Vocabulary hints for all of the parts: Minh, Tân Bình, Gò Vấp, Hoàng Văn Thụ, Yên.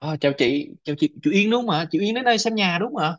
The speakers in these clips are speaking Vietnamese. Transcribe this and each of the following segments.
À, chào chị, chị Yên đúng không ạ? Chị Yên đến đây xem nhà đúng không?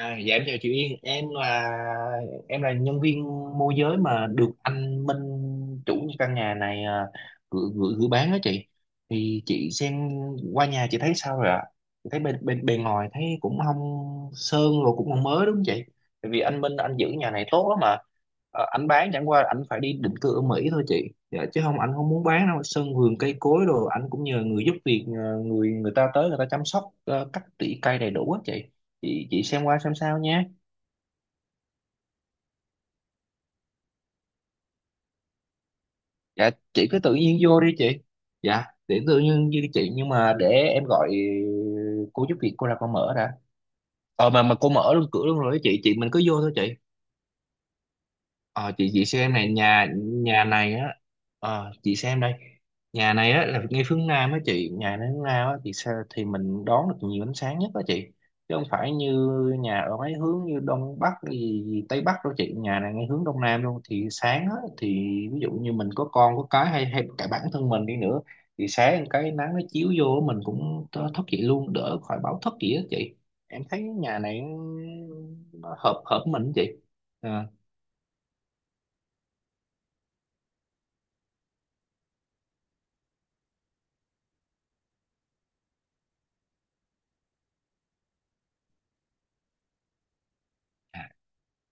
À, dạ em chào chị Yên, em là nhân viên môi giới mà được anh Minh chủ căn nhà này à, gửi gửi gửi bán đó chị. Thì chị xem qua nhà chị thấy sao rồi ạ? Chị thấy bên bên bề ngoài thấy cũng không sơn rồi cũng không mới đúng không chị, tại vì anh Minh anh giữ nhà này tốt lắm mà. Ờ, anh bán chẳng qua anh phải đi định cư ở Mỹ thôi chị, dạ, chứ không anh không muốn bán đâu. Sân vườn cây cối đồ anh cũng nhờ người giúp việc, nhờ người người ta tới người ta chăm sóc, cắt tỉa cây đầy đủ á chị. Chị xem qua xem sao nhé. Dạ chị cứ tự nhiên vô đi chị. Dạ để tự nhiên như chị, nhưng mà để em gọi cô giúp việc cô ra cô mở đã. Ờ mà cô mở luôn cửa luôn rồi đó chị, mình cứ vô thôi chị. Ờ, chị xem này, nhà nhà này á, ờ, chị xem đây. Nhà này á là ngay phương Nam á chị, nhà này hướng Nam á thì sao, thì mình đón được nhiều ánh sáng nhất á chị, chứ không phải như nhà ở mấy hướng như Đông Bắc gì, Tây Bắc đâu chị. Nhà này ngay hướng Đông Nam luôn thì sáng á, thì ví dụ như mình có con có cái, hay hay cả bản thân mình đi nữa thì sáng cái nắng nó chiếu vô mình cũng thức dậy luôn, đỡ khỏi báo thức gì á chị. Em thấy nhà này nó hợp hợp mình á chị. Ờ. À,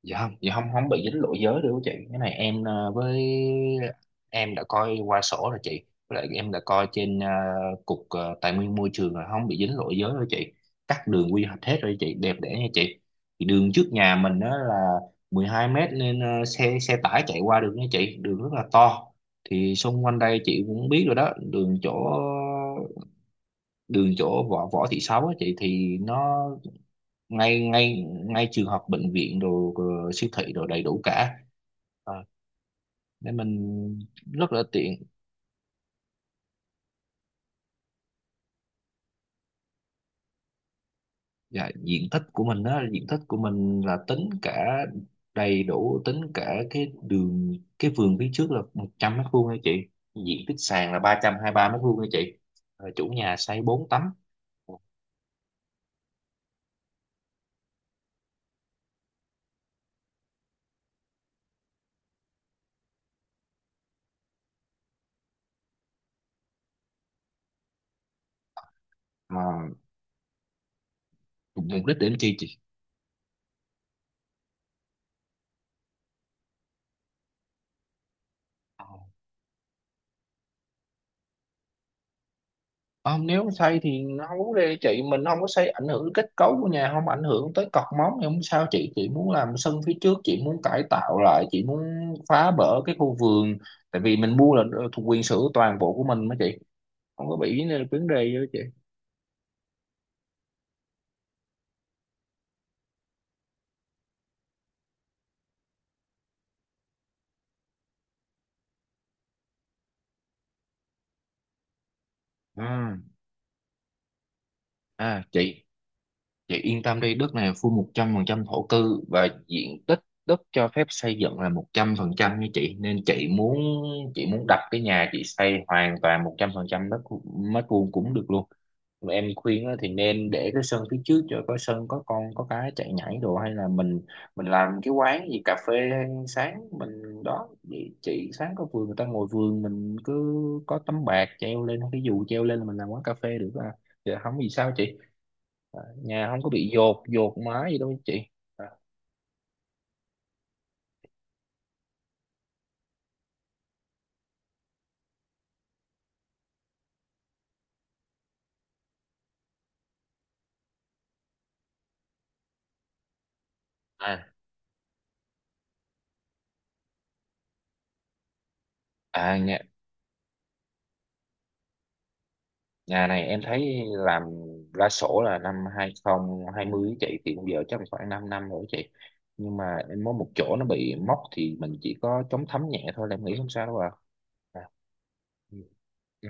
dạ không, không bị dính lỗi giới đâu chị. Cái này em với em đã coi qua sổ rồi chị, với lại em đã coi trên cục tài nguyên môi trường rồi, không bị dính lỗi giới đâu chị, cắt đường quy hoạch hết rồi chị, đẹp đẽ nha chị. Thì đường trước nhà mình đó là 12 mét nên xe xe tải chạy qua được nha chị, đường rất là to. Thì xung quanh đây chị cũng biết rồi đó, đường chỗ võ Võ Thị Sáu á chị thì nó ngay ngay ngay trường học, bệnh viện đồ rồi, siêu thị đồ đầy đủ cả. Ờ, nên mình rất là tiện. Dạ, diện tích của mình là tính cả đầy đủ, tính cả cái đường, cái vườn phía trước là 100 mét vuông nha chị. Diện tích sàn là 323 mét vuông nha chị. Ờ, chủ nhà xây 4 tấm mà mục đích để làm chi chị? Không, nếu mà xây thì nó không vấn đề chị, mình không có xây ảnh hưởng đến kết cấu của nhà, không ảnh hưởng tới cọc móng thì không sao chị. Chị muốn làm sân phía trước, chị muốn cải tạo lại, chị muốn phá bỡ cái khu vườn, tại vì mình mua là thuộc quyền sở hữu toàn bộ của mình mà chị, không có bị vấn đề gì đó chị. À, à chị. Chị yên tâm đi, đất này full 100% thổ cư và diện tích đất cho phép xây dựng là 100% như chị, nên chị muốn đặt cái nhà chị xây hoàn toàn 100% đất mét vuông cũng được luôn. Mà em khuyên á thì nên để cái sân phía trước cho có sân có con có cái chạy nhảy đồ, hay là mình làm cái quán gì cà phê sáng mình đó vậy chị. Sáng có vườn người ta ngồi vườn, mình cứ có tấm bạt treo lên, cái dù treo lên là mình làm quán cà phê được à. Thì không vì sao chị? Nhà không có bị dột dột mái gì đâu chị. À, à à, nhà nhà này em thấy làm ra sổ là năm 2020 á chị, thì bây giờ chắc là khoảng 5 năm rồi chị. Nhưng mà em có một chỗ nó bị móc thì mình chỉ có chống thấm nhẹ thôi, là em nghĩ không sao đâu à, à. Ừ.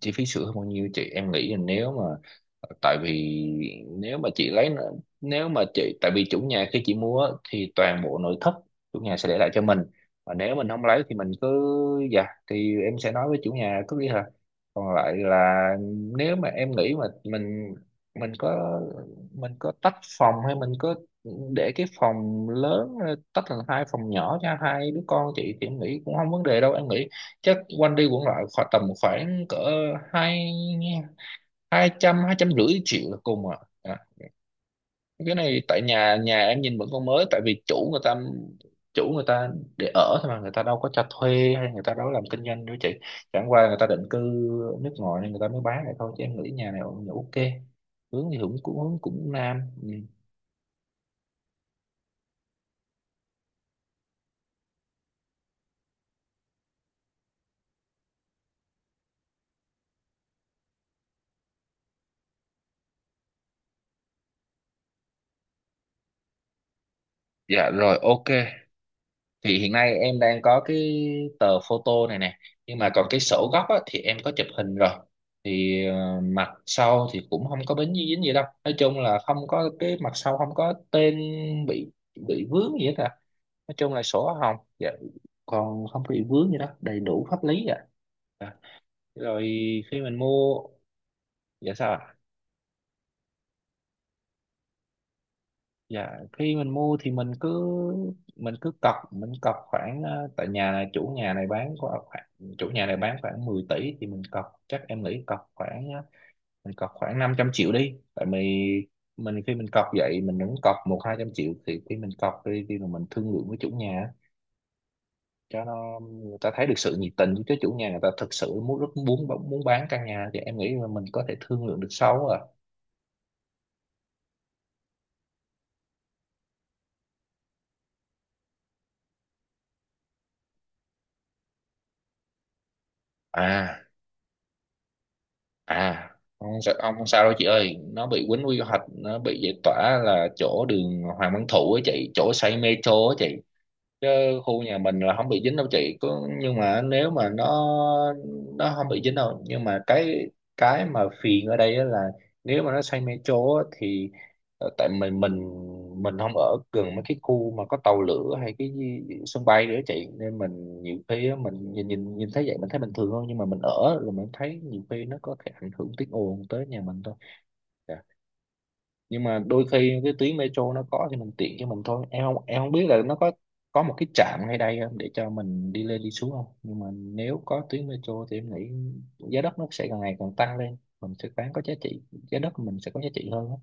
Chi phí sửa hơn bao nhiêu chị, em nghĩ là nếu mà tại vì nếu mà chị lấy, nếu mà chị, tại vì chủ nhà khi chị mua á, thì toàn bộ nội thất chủ nhà sẽ để lại cho mình, và nếu mình không lấy thì mình cứ, dạ, thì em sẽ nói với chủ nhà cứ đi hả. Còn lại là nếu mà em nghĩ mà mình có, mình có tách phòng hay mình có để cái phòng lớn ra, tách thành hai phòng nhỏ cho hai đứa con chị, thì em nghĩ cũng không vấn đề đâu. Em nghĩ chắc quanh đi quẩn lại khoảng tầm khoảng cỡ hai hai trăm rưỡi triệu là cùng à. À cái này tại nhà nhà em nhìn vẫn còn mới, tại vì chủ người ta để ở thôi mà, người ta đâu có cho thuê hay người ta đâu có làm kinh doanh đâu chị, chẳng qua người ta định cư ở nước ngoài nên người ta mới bán lại thôi, chứ em nghĩ nhà này cũng ok. Hướng thì cũng cũng cũng nam, ừ. Dạ rồi, ok, thì hiện nay em đang có cái tờ photo này nè, nhưng mà còn cái sổ gốc á, thì em có chụp hình rồi. Thì ờ, mặt sau thì cũng không có bến dính gì đâu, nói chung là không có. Cái mặt sau không có tên bị bị vướng gì hết à, nói chung là sổ hồng dạ. Còn không bị vướng gì đó, đầy đủ pháp lý ạ à. Dạ, rồi khi mình mua, dạ sao ạ? Dạ, khi mình mua thì mình cứ cọc, mình cọc khoảng ờ, tại nhà này chủ nhà này bán có khoảng, chủ nhà này bán khoảng 10 tỷ, thì mình cọc chắc em nghĩ cọc khoảng ờ, mình cọc khoảng 500 triệu đi. Tại mình khi mình cọc vậy mình vẫn cọc một hai trăm triệu, thì khi mình cọc đi thì mình thương lượng với chủ nhà cho nó, người ta thấy được sự nhiệt tình. Chứ chủ nhà người ta thực sự muốn, rất muốn, bán căn nhà thì em nghĩ là mình có thể thương lượng được sau à. À à không sao, ông không sao đâu chị ơi. Nó bị quýnh quy hoạch, nó bị giải tỏa là chỗ đường Hoàng Văn Thụ á chị, chỗ xây metro á chị. Chứ khu nhà mình là không bị dính đâu chị. Có nhưng mà nếu mà nó không bị dính đâu, nhưng mà cái mà phiền ở đây á là nếu mà nó xây metro á thì tại mình không ở gần mấy cái khu mà có tàu lửa hay cái gì- sân bay nữa chị, nên mình nhiều khi á, mình nhìn nhìn nhìn thấy vậy mình thấy bình thường hơn, nhưng mà mình ở rồi mình thấy nhiều khi nó có thể ảnh hưởng tiếng ồn tới nhà mình thôi. Dạ. Nhưng mà đôi khi cái tuyến metro nó có thì mình tiện cho mình thôi. Em không biết là nó có một cái trạm ngay đây không để cho mình đi lên đi xuống không, nhưng mà nếu có tuyến metro thì em nghĩ giá đất nó sẽ càng ngày càng tăng lên, mình sẽ bán có giá trị, giá đất của mình sẽ có giá trị hơn á.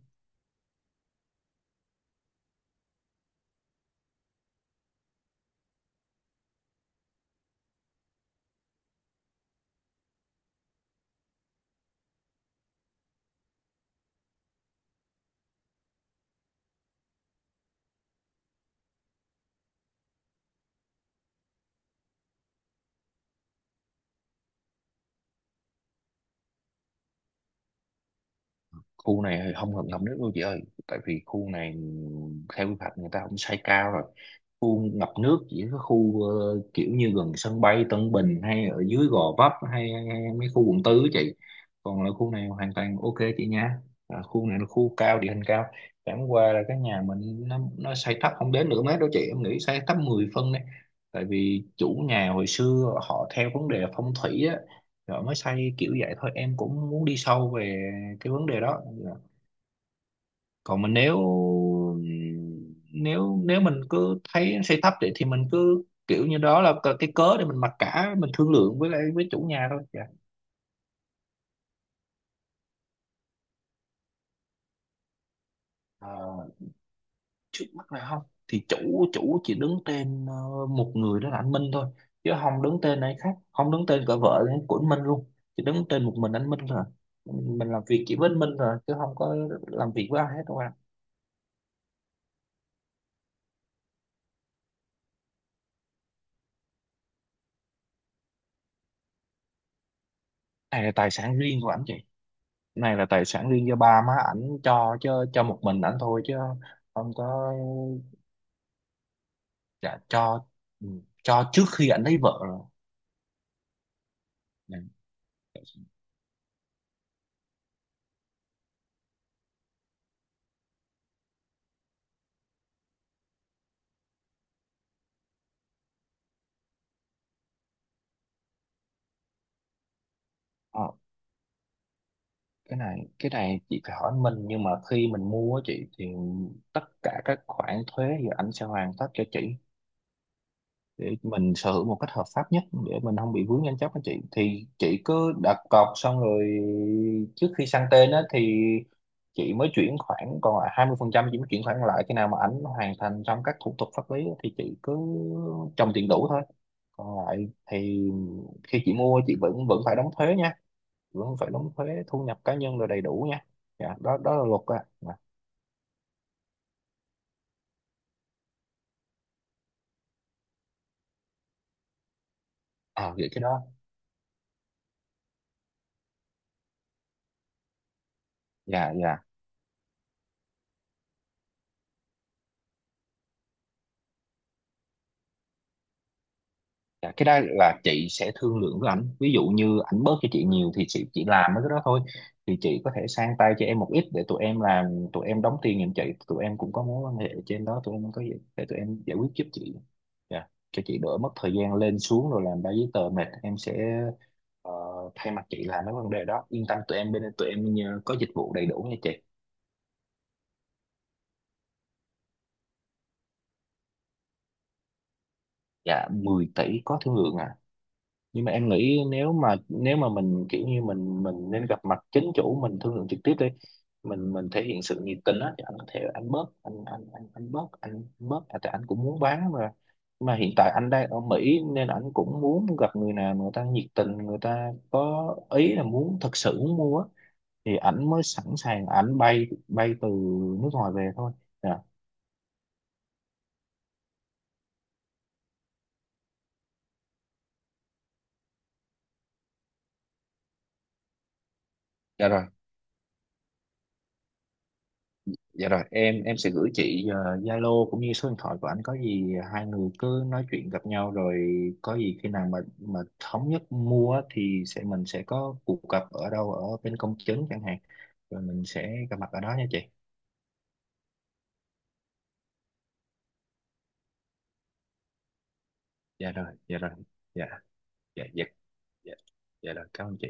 Khu này thì không hợp lòng nước đâu chị ơi, tại vì khu này theo quy hoạch người ta cũng xây cao rồi. Khu ngập nước chỉ có khu kiểu như gần sân bay Tân Bình, hay ở dưới Gò Vấp hay, hay mấy khu quận tư á chị. Còn là khu này hoàn toàn ok chị nha. À, khu này là khu cao, địa hình cao, chẳng qua là cái nhà mình nó xây thấp, không đến nửa mét đâu chị, em nghĩ xây thấp 10 phân đấy. Tại vì chủ nhà hồi xưa họ theo vấn đề phong thủy á, rồi mới xây kiểu vậy thôi. Em cũng muốn đi sâu về cái vấn đề đó dạ. Còn mình nếu nếu nếu mình cứ thấy xây thấp thì mình cứ kiểu như đó là cái cớ để mình mặc cả, mình thương lượng với lại với chủ nhà thôi dạ. Ờ, trước mắt này không, thì chủ chủ chỉ đứng tên một người đó là anh Minh thôi, chứ không đứng tên ai khác, không đứng tên cả vợ của anh Minh luôn. Chỉ đứng tên một mình anh Minh rồi, mình làm việc chỉ với anh Minh rồi, chứ không có làm việc với ai hết đâu ạ. Này là tài sản riêng của anh chị, này là tài sản riêng do ba má ảnh cho, chứ cho một mình ảnh thôi chứ không có. Dạ cho, ừ, cho trước khi ảnh lấy vợ rồi. Dạ. Ờ, cái này chị phải hỏi mình. Nhưng mà khi mình mua á chị thì tất cả các khoản thuế thì ảnh sẽ hoàn tất cho chị, để mình sở hữu một cách hợp pháp nhất, để mình không bị vướng tranh chấp anh chị. Thì chị cứ đặt cọc xong rồi, trước khi sang tên á thì chị mới chuyển khoản còn lại 20%, chị mới chuyển khoản lại khi nào mà ảnh hoàn thành xong các thủ tục pháp lý á, thì chị cứ trồng tiền đủ thôi. Còn lại thì khi chị mua chị vẫn vẫn phải đóng thuế nha, vẫn phải đóng thuế thu nhập cá nhân rồi đầy đủ nha, dạ đó đó là luật á à, à vậy cái đó dạ dạ. Dạ, cái đó là chị sẽ thương lượng với ảnh. Ví dụ như ảnh bớt cho chị nhiều thì chị chỉ làm mấy cái đó thôi, thì chị có thể sang tay cho em một ít để tụi em làm, tụi em đóng tiền giùm chị. Tụi em cũng có mối quan hệ trên đó, tụi em có gì để tụi em giải quyết giúp chị. Dạ, cho chị đỡ mất thời gian lên xuống rồi làm ba giấy tờ mệt, em sẽ ờ, thay mặt chị làm mấy vấn đề đó. Yên tâm, tụi em bên tụi em có dịch vụ đầy đủ nha chị. Dạ 10 tỷ có thương lượng à. Nhưng mà em nghĩ nếu mà mình kiểu như mình nên gặp mặt chính chủ, mình thương lượng trực tiếp đi. Mình thể hiện sự nhiệt tình á, thì anh có thể anh bớt, anh bớt à, tại anh cũng muốn bán mà. Nhưng mà hiện tại anh đang ở Mỹ nên anh cũng muốn gặp người nào người ta nhiệt tình, người ta có ý là muốn, thật sự muốn mua á, thì ảnh mới sẵn sàng ảnh bay bay từ nước ngoài về thôi. Dạ. Dạ rồi. Dạ rồi, em sẽ gửi chị ờ, Zalo cũng như số điện thoại của anh, có gì hai người cứ nói chuyện gặp nhau rồi, có gì khi nào mà thống nhất mua á thì sẽ sẽ có cuộc gặp ở đâu, ở bên công chứng chẳng hạn, rồi mình sẽ gặp mặt ở đó nha chị. Dạ rồi, Dạ dạ dạ Dạ, dạ rồi, cảm ơn chị.